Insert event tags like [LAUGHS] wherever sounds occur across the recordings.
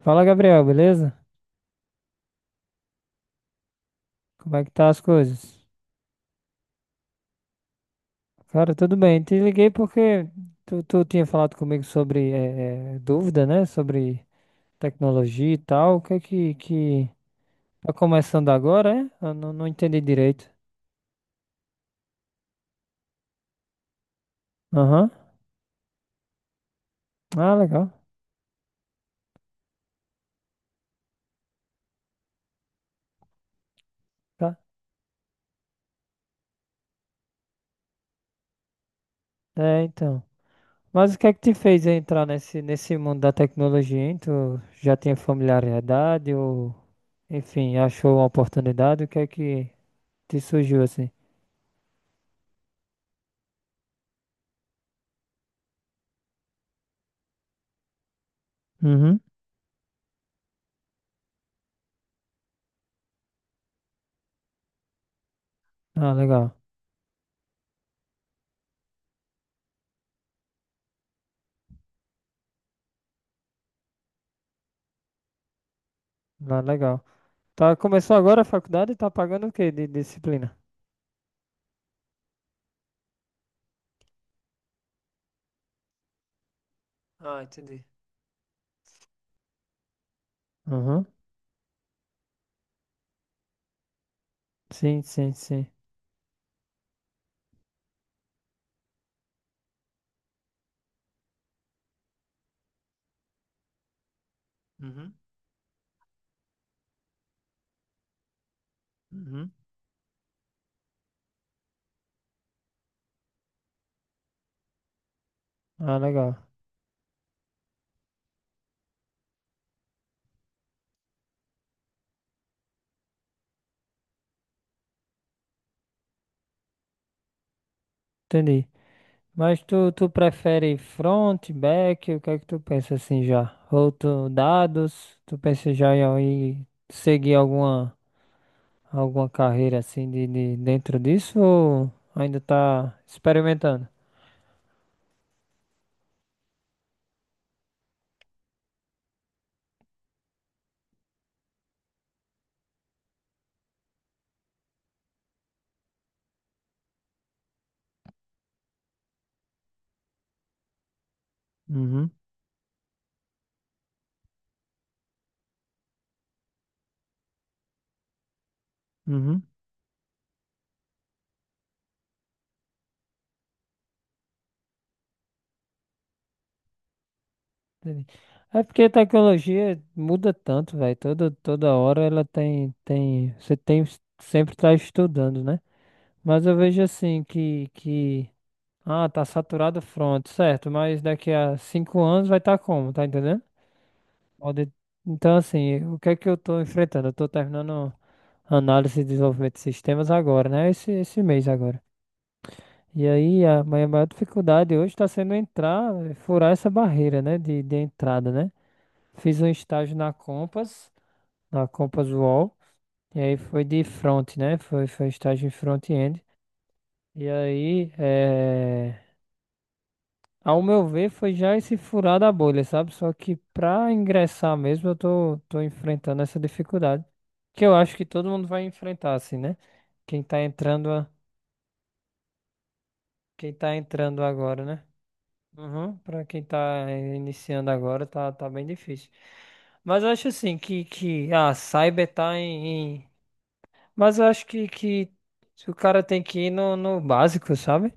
Fala, Gabriel, beleza? Como é que tá as coisas? Cara, tudo bem. Te liguei porque tu tinha falado comigo sobre dúvida, né? Sobre tecnologia e tal. O que é que tá começando agora, é? Eu não entendi direito. Aham. Ah, legal. Tá. É, então. Mas o que é que te fez entrar nesse mundo da tecnologia, hein? Tu já tinha familiaridade ou, enfim, achou uma oportunidade? O que é que te surgiu assim? Uhum. Ah, legal. Ah, legal. Tá, começou agora a faculdade e tá pagando o quê de disciplina? Ah, entendi. Uhum. Sim, sim, sim. Uhum, uhum. Ah, legal. Entendi. Mas tu prefere front, back? O que é que tu pensa assim já? Ou tu, dados? Tu pensa já em seguir alguma carreira assim de dentro disso? Ou ainda tá experimentando? Uhum, uhum. Entendi. É porque a tecnologia muda tanto, velho. Toda hora você tem sempre tá estudando, né? Mas eu vejo assim ah, tá saturado o front, certo? Mas daqui a 5 anos vai estar como, tá entendendo? Pode- Então assim, o que é que eu tô enfrentando? Eu tô terminando análise e desenvolvimento de sistemas agora, né? Esse mês agora. E aí a minha maior dificuldade hoje está sendo entrar, furar essa barreira, né? De entrada, né? Fiz um estágio na Compass Wall, e aí foi de front, né? Foi estágio em front-end. E aí, ao meu ver, foi já esse furar da bolha, sabe? Só que para ingressar mesmo, eu tô enfrentando essa dificuldade, que eu acho que todo mundo vai enfrentar, assim, né? Quem tá entrando, quem tá entrando agora, né? Uhum, para quem tá iniciando agora, tá bem difícil. Mas eu acho assim que a Cyber tá Mas eu acho que o cara tem que ir no básico, sabe?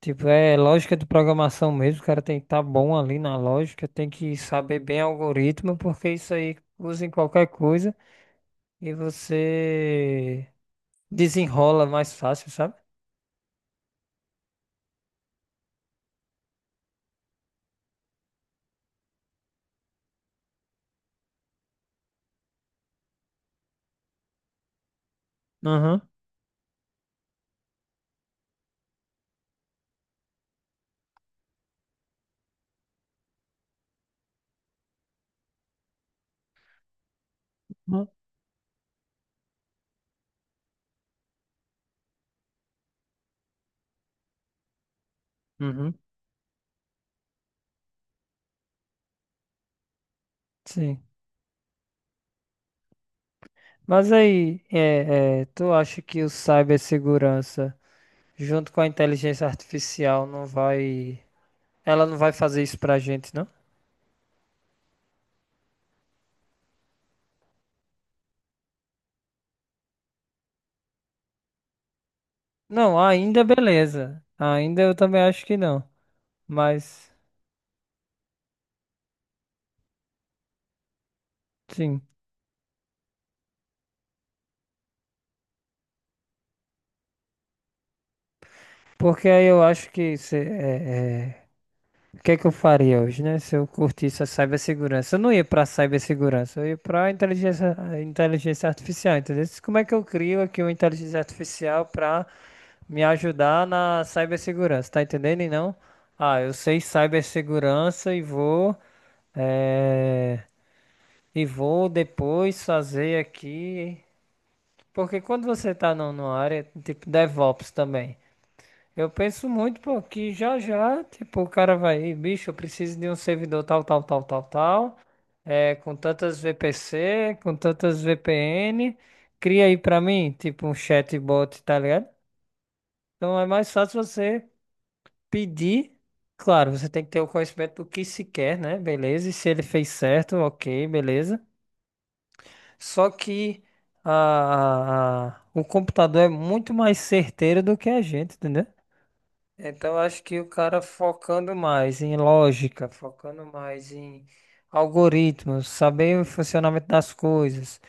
Tipo, é lógica de programação mesmo, o cara tem que estar bom ali na lógica, tem que saber bem algoritmo, porque isso aí usa em qualquer coisa e você desenrola mais fácil, sabe? Aham. Uhum. Uhum. Sim. Mas aí, tu acha que o cibersegurança, junto com a inteligência artificial, não vai. Ela não vai fazer isso pra gente, não? Não, ainda beleza. Ainda eu também acho que não. Mas, sim. Porque aí eu acho que. O que é que eu faria hoje, né? Se eu curtisse a cibersegurança. Eu não ia pra cibersegurança, eu ia pra inteligência, a inteligência artificial, entendeu? Como é que eu crio aqui uma inteligência artificial pra me ajudar na cibersegurança, tá entendendo? E não, ah, eu sei cibersegurança e eh, vou depois fazer aqui. Porque quando você tá numa área, tipo DevOps também, eu penso muito, pô, que já já, tipo, o cara vai, bicho, eu preciso de um servidor tal, tal, tal, tal, tal, é, com tantas VPC, com tantas VPN, cria aí pra mim, tipo, um chatbot, tá ligado? Então é mais fácil você pedir, claro, você tem que ter o conhecimento do que se quer, né? Beleza, e se ele fez certo, ok, beleza. Só que a, o computador é muito mais certeiro do que a gente, entendeu? Então eu acho que o cara focando mais em lógica, focando mais em algoritmos, saber o funcionamento das coisas,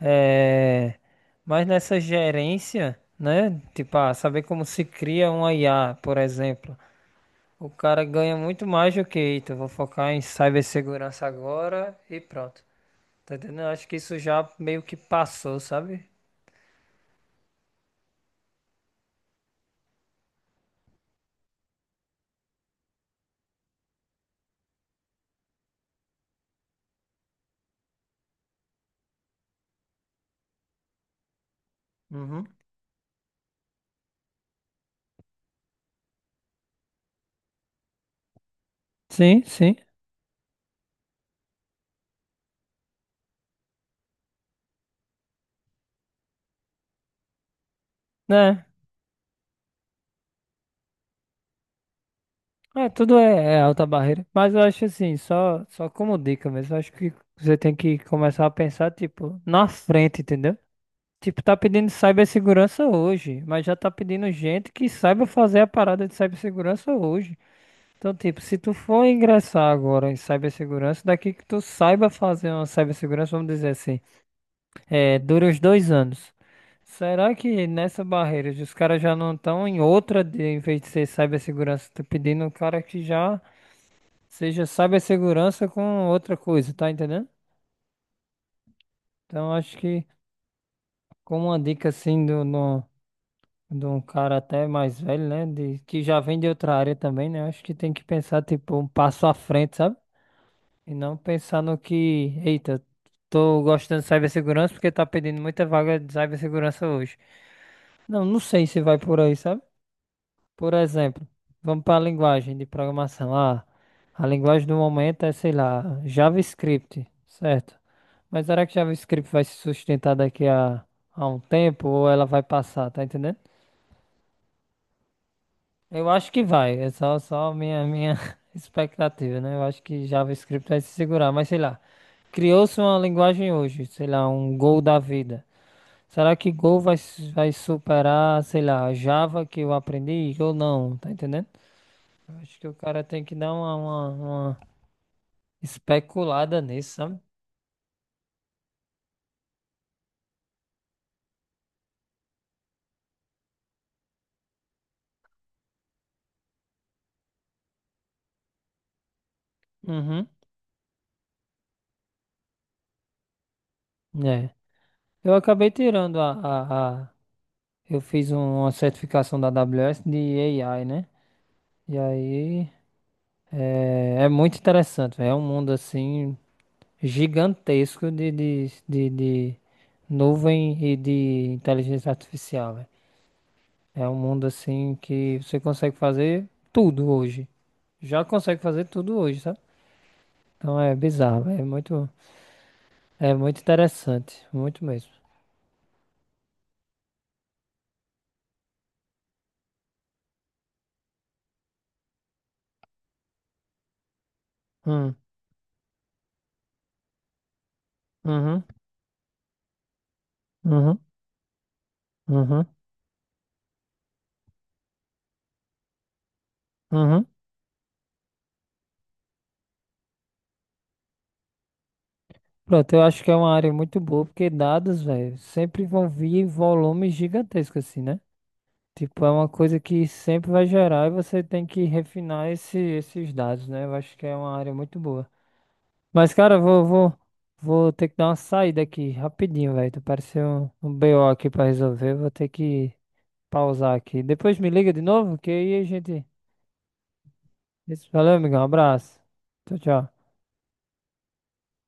é, mas nessa gerência, né? Tipo, ah, saber como se cria um IA, por exemplo. O cara ganha muito mais do que, eita, eu vou focar em cibersegurança agora e pronto. Tá entendendo? Eu acho que isso já meio que passou, sabe? Uhum. Sim, sim. Né? É, tudo é alta barreira. Mas eu acho assim, só como dica mesmo, eu acho que você tem que começar a pensar, tipo, na frente, entendeu? Tipo, tá pedindo cibersegurança hoje, mas já tá pedindo gente que saiba fazer a parada de cibersegurança hoje. Então, tipo, se tu for ingressar agora em cibersegurança, daqui que tu saiba fazer uma cibersegurança, vamos dizer assim. É, dura os 2 anos. Será que nessa barreira os caras já não estão em outra em vez de ser cibersegurança, tá pedindo um cara que já seja cibersegurança com outra coisa, tá entendendo? Então acho que como uma dica assim do, no, de um cara até mais velho, né, que já vem de outra área também, né, acho que tem que pensar tipo um passo à frente, sabe? E não pensar no que, eita, tô gostando de cibersegurança porque tá pedindo muita vaga de cibersegurança hoje. Não sei se vai por aí, sabe? Por exemplo, vamos para a linguagem de programação. Ah, a linguagem do momento é, sei lá, JavaScript, certo? Mas será que JavaScript vai se sustentar daqui a um tempo ou ela vai passar, tá entendendo? Eu acho que vai. É só minha [LAUGHS] expectativa, né? Eu acho que JavaScript vai se segurar, mas sei lá. Criou-se uma linguagem hoje, sei lá, um Go da vida. Será que Go vai superar, sei lá, a Java que eu aprendi ou não? Tá entendendo? Eu acho que o cara tem que dar uma especulada nisso, sabe? Uhum. É. Eu acabei tirando a... Eu fiz uma certificação da AWS de AI, né? E aí. É muito interessante, véio. É um mundo assim gigantesco de nuvem e de inteligência artificial, véio. É um mundo assim que você consegue fazer tudo hoje. Já consegue fazer tudo hoje, sabe? Então é bizarro, véio. É muito interessante, muito mesmo. Hum, uhum, uhum, uhum, uhum. Pronto, eu acho que é uma área muito boa, porque dados, velho, sempre vão vir em volumes gigantescos, assim, né? Tipo, é uma coisa que sempre vai gerar e você tem que refinar esses dados, né? Eu acho que é uma área muito boa. Mas, cara, eu vou ter que dar uma saída aqui rapidinho, velho. Tu pareceu um BO aqui pra resolver. Vou ter que pausar aqui. Depois me liga de novo, que aí a gente. Valeu, amigão. Um abraço. Tchau, tchau.